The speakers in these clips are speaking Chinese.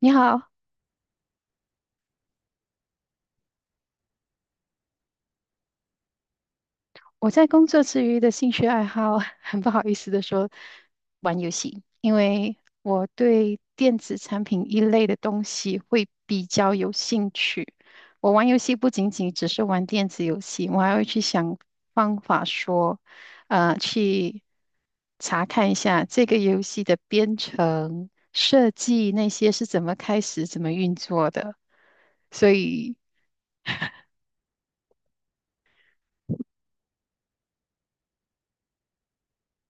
你好，我在工作之余的兴趣爱好，很不好意思的说，玩游戏，因为我对电子产品一类的东西会比较有兴趣。我玩游戏不仅仅只是玩电子游戏，我还会去想方法说，去查看一下这个游戏的编程设计那些是怎么开始、怎么运作的。所以，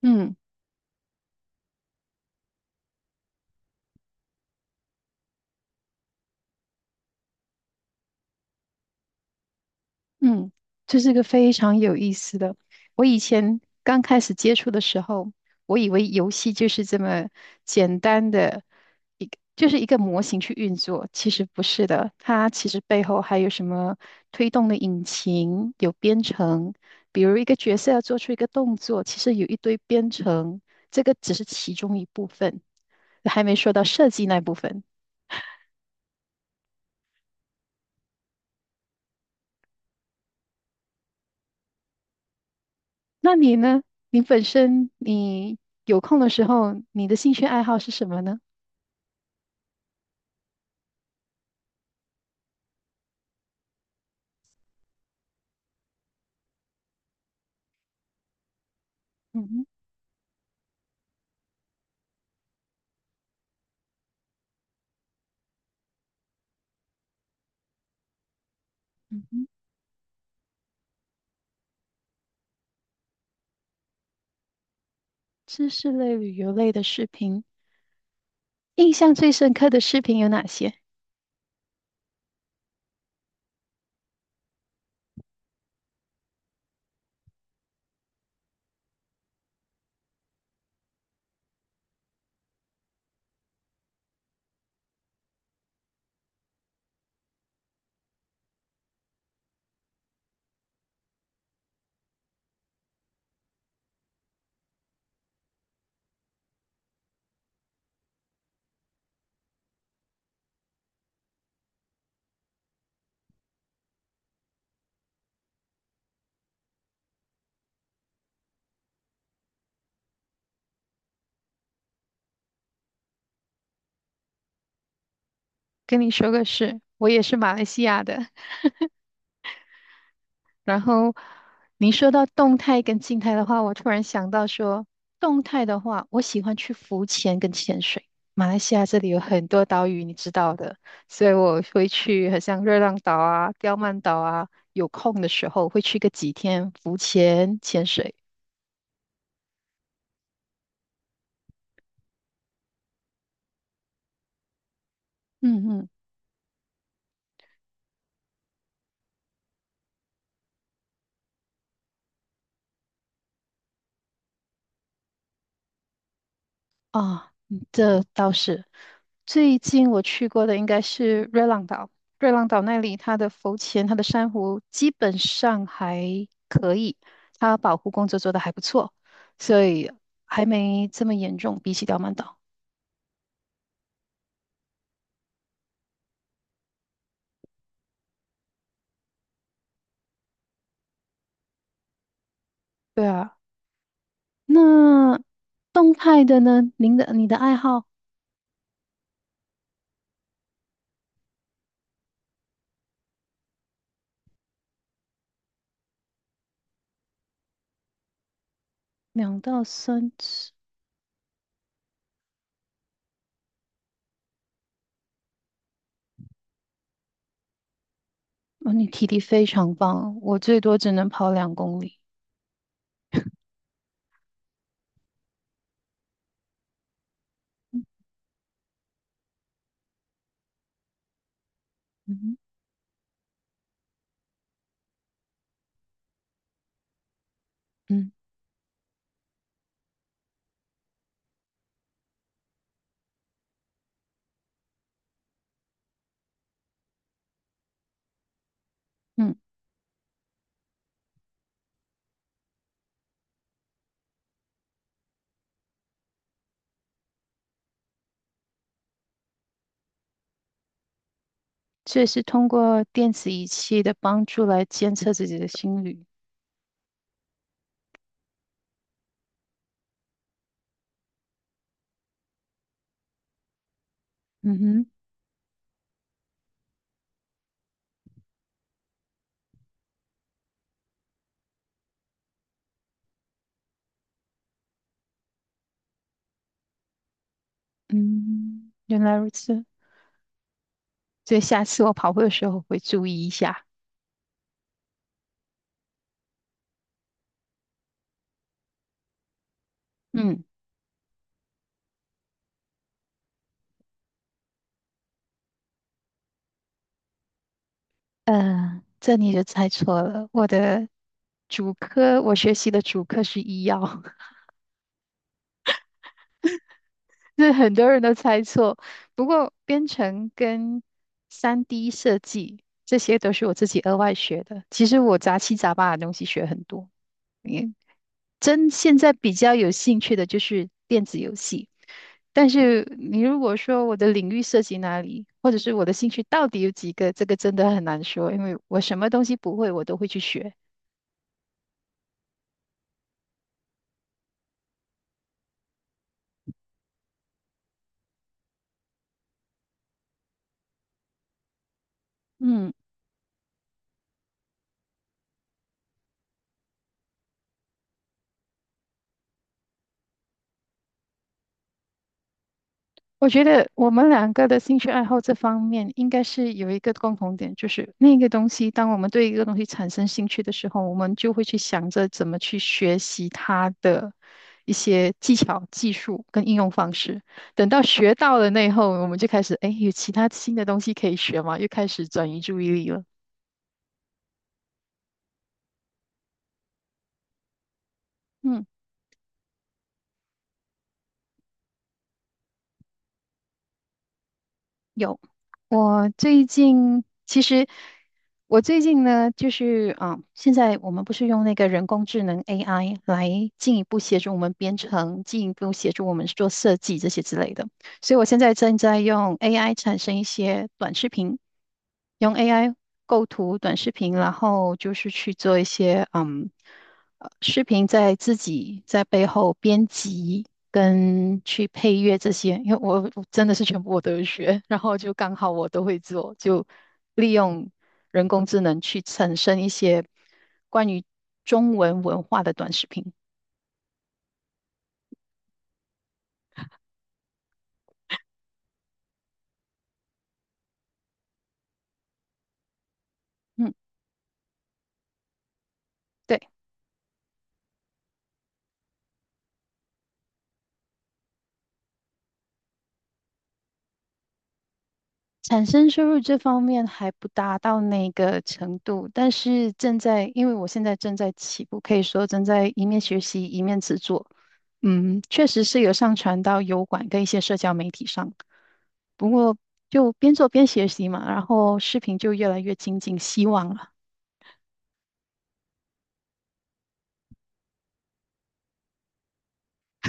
嗯。嗯，这是个非常有意思的。我以前刚开始接触的时候，我以为游戏就是这么简单的一个，就是一个模型去运作，其实不是的。它其实背后还有什么推动的引擎，有编程。比如一个角色要做出一个动作，其实有一堆编程，这个只是其中一部分，还没说到设计那部分。那你呢？你本身你有空的时候，你的兴趣爱好是什么呢？嗯哼嗯哼，知识类、旅游类的视频，印象最深刻的视频有哪些？跟你说个事，我也是马来西亚的。然后你说到动态跟静态的话，我突然想到说，动态的话，我喜欢去浮潜跟潜水。马来西亚这里有很多岛屿，你知道的，所以我会去，好像热浪岛啊、刁曼岛啊，有空的时候会去个几天浮潜、潜水。嗯嗯，啊，这倒是。最近我去过的应该是瑞浪岛，瑞浪岛那里它的浮潜、它的珊瑚基本上还可以，它保护工作做得还不错，所以还没这么严重，比起刁曼岛。对啊，那动态的呢？你的爱好两到三次，哦，你体力非常棒，我最多只能跑两公里。嗯嗯嗯，这也是通过电子仪器的帮助来监测自己的心率。嗯哼。嗯，原来如此，所以下次我跑步的时候会注意一下。嗯，这你就猜错了，我的主科，我学习的主科是医药，这很多人都猜错。不过编程跟3D 设计这些都是我自己额外学的，其实我杂七杂八的东西学很多。现在比较有兴趣的就是电子游戏，但是你如果说我的领域涉及哪里，或者是我的兴趣到底有几个，这个真的很难说，因为我什么东西不会，我都会去学。嗯。我觉得我们两个的兴趣爱好这方面应该是有一个共同点，就是那个东西，当我们对一个东西产生兴趣的时候，我们就会去想着怎么去学习它的一些技巧、技术跟应用方式。等到学到了那以后，我们就开始，哎，有其他新的东西可以学嘛，又开始转移注意力了。嗯。有，我最近其实我最近呢，就是啊、现在我们不是用那个人工智能 AI 来进一步协助我们编程，进一步协助我们做设计这些之类的。所以我现在正在用 AI 产生一些短视频，用 AI 构图短视频，然后就是去做一些视频在自己在背后编辑跟去配乐这些，因为我真的是全部我都有学，然后就刚好我都会做，就利用人工智能去产生一些关于中文文化的短视频。嗯，对。产生收入这方面还不达到那个程度，但是正在，因为我现在正在起步，可以说正在一面学习一面制作。确实是有上传到油管跟一些社交媒体上，不过就边做边学习嘛，然后视频就越来越精进，希望了，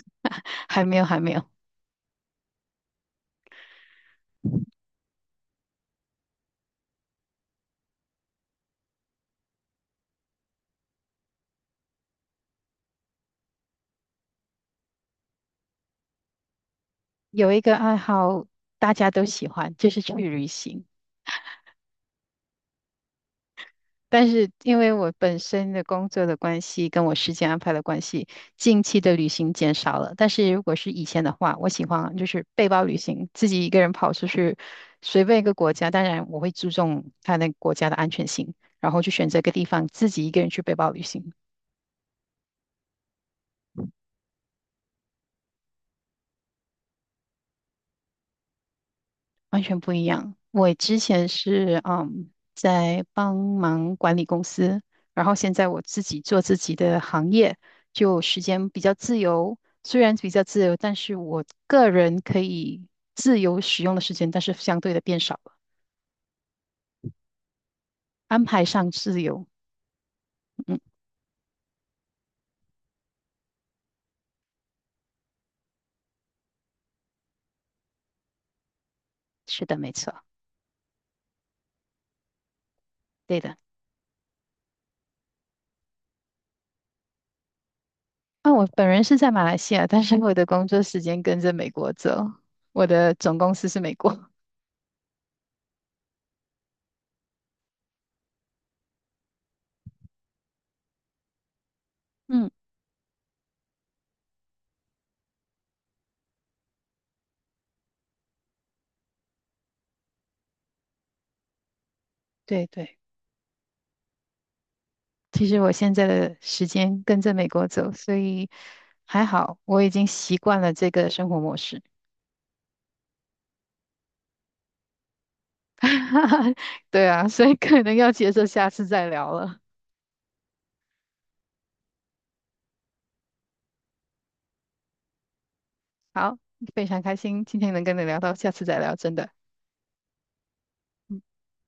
还没有，还没有。有一个爱好大家都喜欢，就是去旅行。但是因为我本身的工作的关系，跟我时间安排的关系，近期的旅行减少了。但是如果是以前的话，我喜欢就是背包旅行，自己一个人跑出去，随便一个国家。当然，我会注重他那个国家的安全性，然后去选择一个地方自己一个人去背包旅行。完全不一样。我之前是在帮忙管理公司，然后现在我自己做自己的行业，就时间比较自由。虽然比较自由，但是我个人可以自由使用的时间，但是相对的变少了，安排上自由。嗯，是的，没错，对的。啊，我本人是在马来西亚，但是我的工作时间跟着美国走，我的总公司是美国。嗯，对对。其实我现在的时间跟着美国走，所以还好，我已经习惯了这个生活模式。对啊，所以可能要接受下次再聊了。好，非常开心今天能跟你聊到，下次再聊，真的，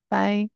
拜。